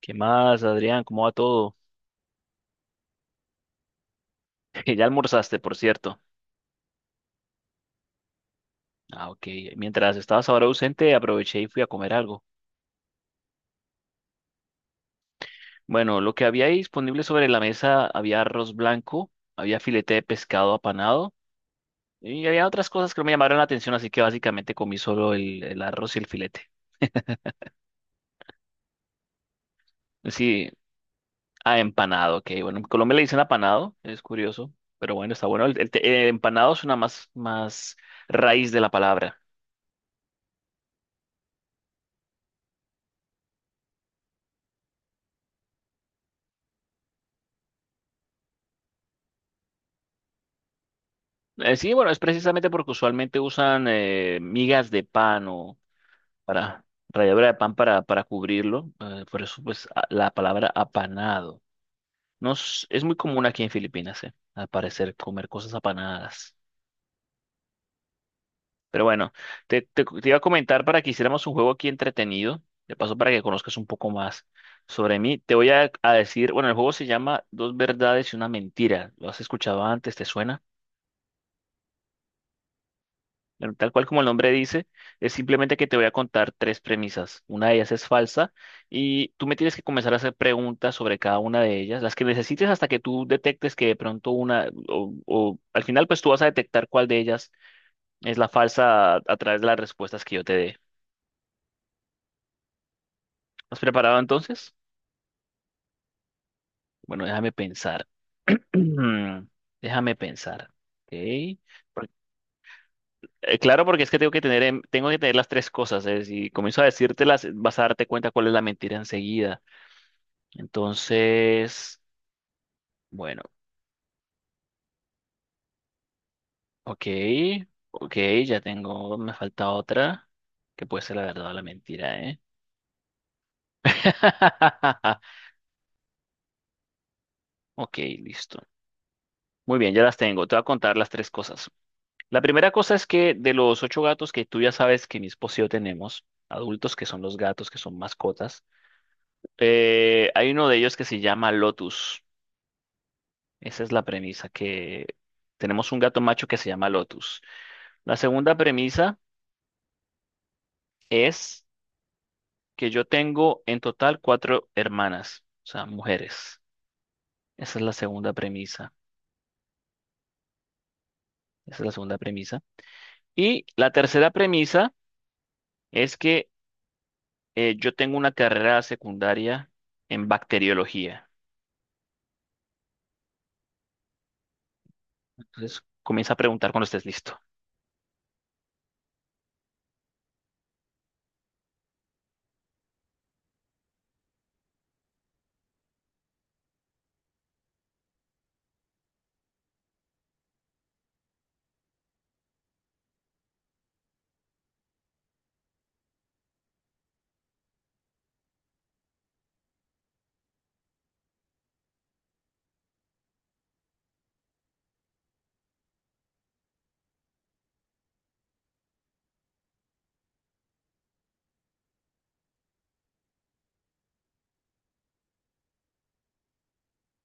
¿Qué más, Adrián? ¿Cómo va todo? Ya almorzaste, por cierto. Ah, ok. Mientras estabas ahora ausente, aproveché y fui a comer algo. Bueno, lo que había ahí disponible sobre la mesa, había arroz blanco, había filete de pescado apanado y había otras cosas que no me llamaron la atención, así que básicamente comí solo el arroz y el filete. Sí, ah, empanado, ok. Bueno, en Colombia le dicen apanado, es curioso, pero bueno, está bueno. Empanado es una más raíz de la palabra. Sí, bueno, es precisamente porque usualmente usan migas de pan o para ralladura de pan para cubrirlo. Por eso, pues, la palabra apanado. No, es, es muy común aquí en Filipinas, al parecer, comer cosas apanadas. Pero bueno, te iba a comentar para que hiciéramos un juego aquí entretenido. De paso, para que conozcas un poco más sobre mí. Te voy a decir, bueno, el juego se llama Dos verdades y una mentira. ¿Lo has escuchado antes? ¿Te suena? Bueno, tal cual como el nombre dice, es simplemente que te voy a contar tres premisas. Una de ellas es falsa y tú me tienes que comenzar a hacer preguntas sobre cada una de ellas, las que necesites, hasta que tú detectes que de pronto una, o al final, pues tú vas a detectar cuál de ellas es la falsa a través de las respuestas que yo te dé. ¿Has preparado entonces? Bueno, déjame pensar. Déjame pensar. Ok. Por- Claro, porque es que tengo que tener las tres cosas, ¿eh? Si comienzo a decírtelas, vas a darte cuenta cuál es la mentira enseguida. Entonces, bueno, ok, ok, ya tengo, me falta otra, que puede ser la verdad o la mentira, ¿eh? Ok, listo. Muy bien, ya las tengo. Te voy a contar las tres cosas. La primera cosa es que, de los ocho gatos que tú ya sabes que mi esposo y yo tenemos, adultos que son los gatos, que son mascotas, hay uno de ellos que se llama Lotus. Esa es la premisa, que tenemos un gato macho que se llama Lotus. La segunda premisa es que yo tengo en total cuatro hermanas, o sea, mujeres. Esa es la segunda premisa. Esa es la segunda premisa. Y la tercera premisa es que yo tengo una carrera secundaria en bacteriología. Entonces, comienza a preguntar cuando estés listo.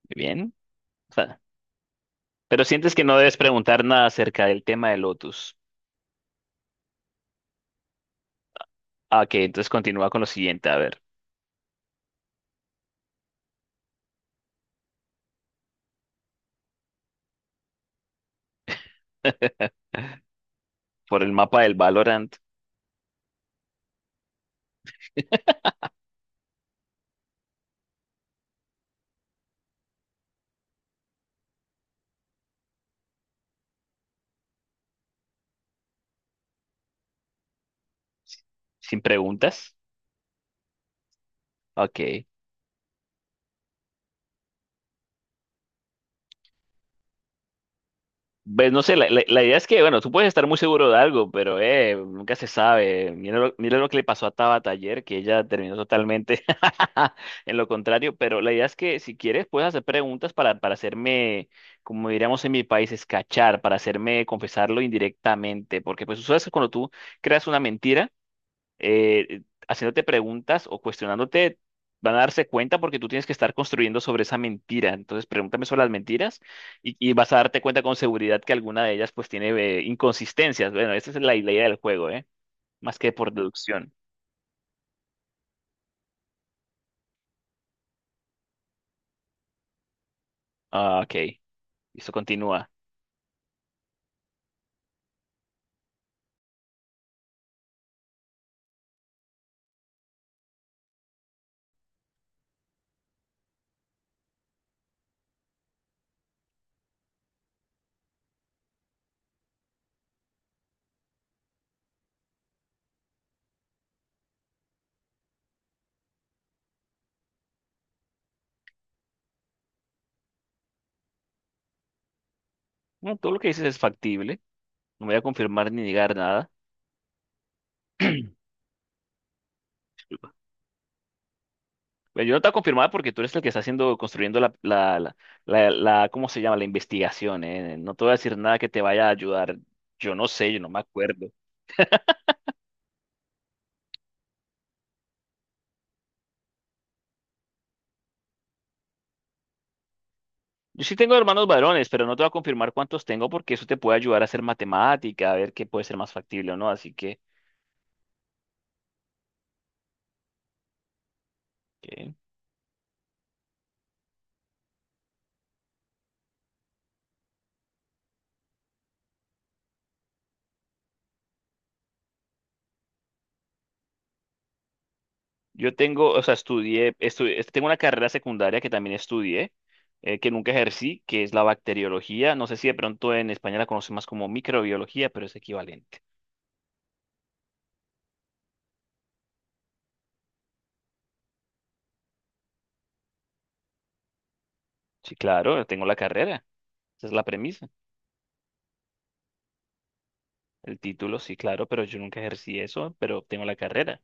Muy bien. O sea, pero sientes que no debes preguntar nada acerca del tema de Lotus. Ah, ok, entonces continúa con lo siguiente. A ver, por el mapa del Valorant, sin preguntas. Ok. Pues no sé, la idea es que, bueno, tú puedes estar muy seguro de algo, pero nunca se sabe. Mira lo que le pasó a Tabata ayer, que ella terminó totalmente en lo contrario, pero la idea es que, si quieres, puedes hacer preguntas para hacerme, como diríamos en mi país, escachar, para hacerme confesarlo indirectamente, porque pues tú sabes que cuando tú creas una mentira, haciéndote preguntas o cuestionándote, van a darse cuenta porque tú tienes que estar construyendo sobre esa mentira. Entonces, pregúntame sobre las mentiras y vas a darte cuenta con seguridad que alguna de ellas pues tiene inconsistencias. Bueno, esa es la, la idea del juego, ¿eh? Más que por deducción. Ah, ok. Eso, continúa. No, todo lo que dices es factible. No voy a confirmar ni negar nada. Bueno, yo no te voy a confirmar porque tú eres el que está haciendo, construyendo ¿cómo se llama? La investigación, ¿eh? No te voy a decir nada que te vaya a ayudar. Yo no sé, yo no me acuerdo. Yo sí tengo hermanos varones, pero no te voy a confirmar cuántos tengo porque eso te puede ayudar a hacer matemática, a ver qué puede ser más factible o no. Así que eh, yo tengo, o sea, estudié, tengo una carrera secundaria que también estudié, que nunca ejercí, que es la bacteriología. No sé si de pronto en España la conocen más como microbiología, pero es equivalente. Sí, claro, tengo la carrera. Esa es la premisa. El título, sí, claro, pero yo nunca ejercí eso, pero tengo la carrera.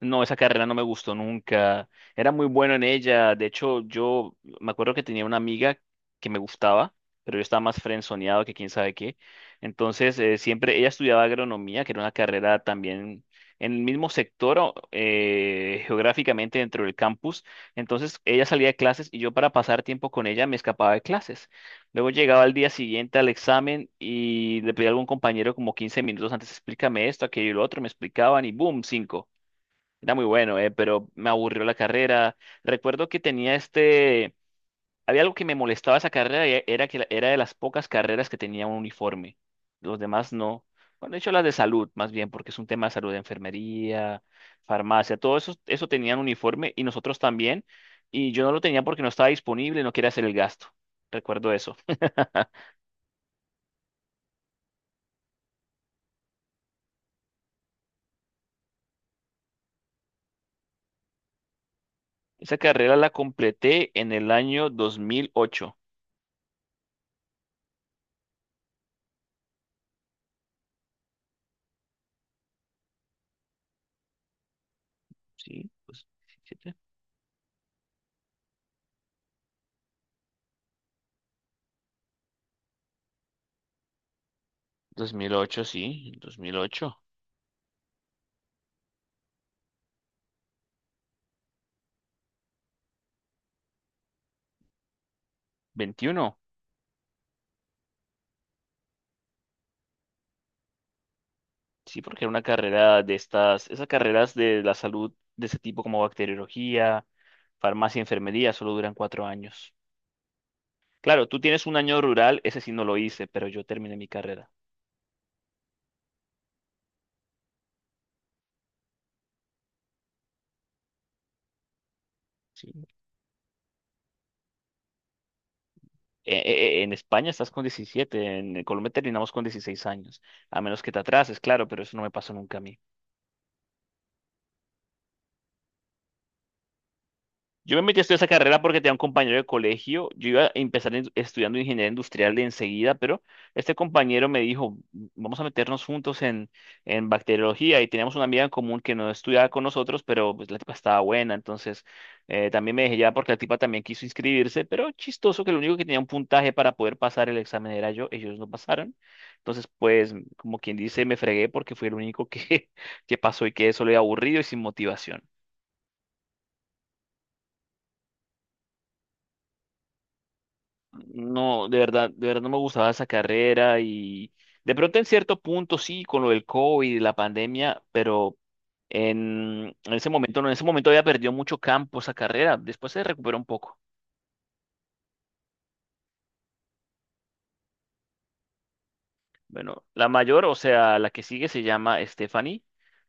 No, esa carrera no me gustó nunca. Era muy bueno en ella. De hecho, yo me acuerdo que tenía una amiga que me gustaba, pero yo estaba más frenzoneado que quién sabe qué. Entonces, siempre ella estudiaba agronomía, que era una carrera también en el mismo sector o, geográficamente, dentro del campus. Entonces, ella salía de clases y yo, para pasar tiempo con ella, me escapaba de clases. Luego llegaba al día siguiente al examen y le pedía a algún compañero, como 15 minutos antes, explícame esto, aquello y lo otro, me explicaban y boom, cinco. Era muy bueno, pero me aburrió la carrera. Recuerdo que tenía este, había algo que me molestaba esa carrera, y era que era de las pocas carreras que tenía un uniforme. Los demás no. Bueno, de hecho las de salud, más bien, porque es un tema de salud, de enfermería, farmacia, todo eso, eso tenían uniforme y nosotros también. Y yo no lo tenía porque no estaba disponible, no quería hacer el gasto. Recuerdo eso. Esa carrera la completé en el año 2008. Sí, pues, ¿siete? 2008, sí, 2008. 21. Sí, porque era una carrera de estas, esas carreras de la salud de ese tipo como bacteriología, farmacia, enfermería, solo duran 4 años. Claro, tú tienes un año rural, ese sí no lo hice, pero yo terminé mi carrera. Sí. En España estás con 17, en Colombia terminamos con 16 años, a menos que te atrases, claro, pero eso no me pasó nunca a mí. Yo me metí a estudiar esa carrera porque tenía un compañero de colegio. Yo iba a empezar estudiando ingeniería industrial de enseguida, pero este compañero me dijo, vamos a meternos juntos en bacteriología, y teníamos una amiga en común que no estudiaba con nosotros, pero pues la tipa estaba buena, entonces también me dejé ya porque la tipa también quiso inscribirse, pero chistoso, que lo único que tenía un puntaje para poder pasar el examen era yo, ellos no pasaron. Entonces, pues, como quien dice, me fregué porque fui el único que, que pasó, y quedé solo y aburrido y sin motivación. No, de verdad no me gustaba esa carrera y de pronto en cierto punto sí, con lo del COVID, la pandemia, pero en ese momento no, en ese momento había perdido mucho campo esa carrera, después se recuperó un poco. Bueno, la mayor, o sea, la que sigue, se llama Stephanie,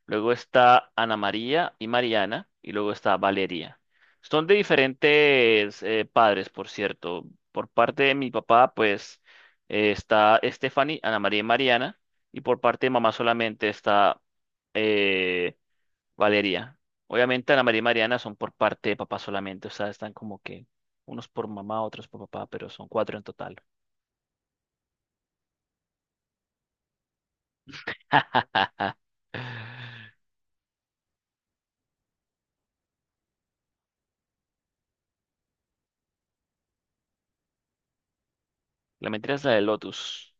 luego está Ana María y Mariana, y luego está Valeria. Son de diferentes padres, por cierto. Por parte de mi papá, pues está Stephanie, Ana María y Mariana, y por parte de mamá solamente está eh, Valeria. Obviamente Ana María y Mariana son por parte de papá solamente, o sea, están como que unos por mamá, otros por papá, pero son cuatro en total. La mentira es la de Lotus.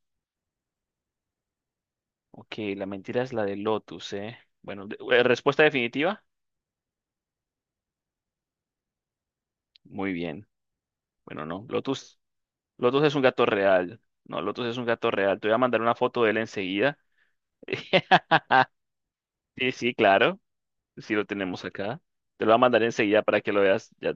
Ok, la mentira es la de Lotus, ¿eh? Bueno, respuesta definitiva. Muy bien. Bueno, no. Lotus, Lotus es un gato real. No, Lotus es un gato real. Te voy a mandar una foto de él enseguida. Sí, sí, claro. Sí lo tenemos acá. Te lo voy a mandar enseguida para que lo veas. Ya.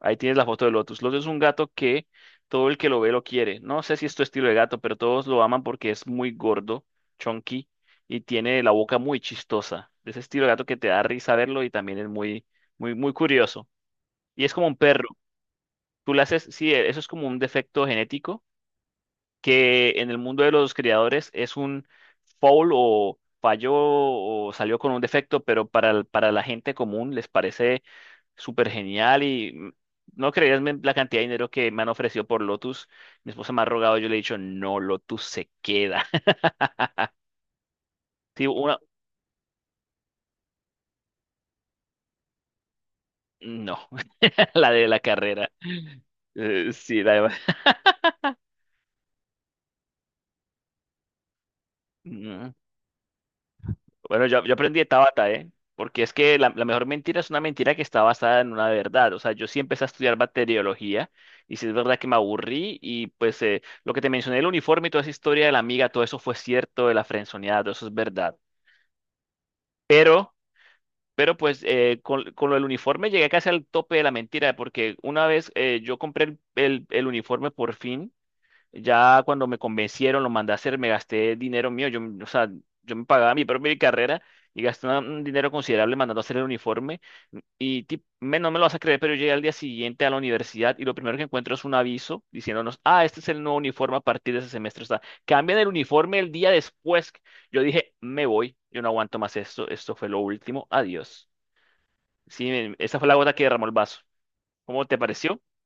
Ahí tienes la foto de Lotus. Lotus es un gato que todo el que lo ve lo quiere. No sé si es tu estilo de gato, pero todos lo aman porque es muy gordo, chunky, y tiene la boca muy chistosa. Ese estilo de gato que te da risa verlo, y también es muy, muy, muy curioso. Y es como un perro. Tú le haces, sí, eso es como un defecto genético que en el mundo de los criadores es un foul o falló o salió con un defecto, pero para, para la gente común les parece súper genial, y no creías, la cantidad de dinero que me han ofrecido por Lotus. Mi esposa me ha rogado, yo le he dicho, no, Lotus se queda. Sí, una, no, la de la carrera. Sí, la de... Mm. Bueno, yo aprendí de Tabata, ¿eh? Porque es que la mejor mentira es una mentira que está basada en una verdad. O sea, yo sí empecé a estudiar bacteriología, y sí es verdad que me aburrí y pues lo que te mencioné, el uniforme y toda esa historia de la amiga, todo eso fue cierto, de la frenzoneada, todo eso es verdad. pero Pero pues con lo del uniforme llegué casi al tope de la mentira, porque una vez yo compré el, el uniforme por fin, ya cuando me convencieron, lo mandé a hacer, me gasté dinero mío, yo, o sea, yo me pagaba mi propia carrera, y gasté un dinero considerable mandando a hacer el uniforme. Y no me lo vas a creer, pero yo llegué al día siguiente a la universidad y lo primero que encuentro es un aviso diciéndonos, ah, este es el nuevo uniforme a partir de ese semestre. O sea, cambian el uniforme el día después. Yo dije, me voy, yo no aguanto más esto, esto fue lo último, adiós. Sí, em, esa fue la gota que derramó el vaso. ¿Cómo te pareció?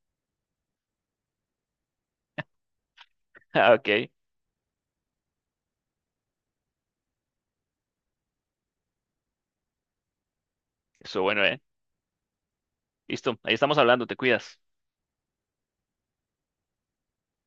Ah, ok, eso, bueno, eh. Listo, ahí estamos hablando, te cuidas.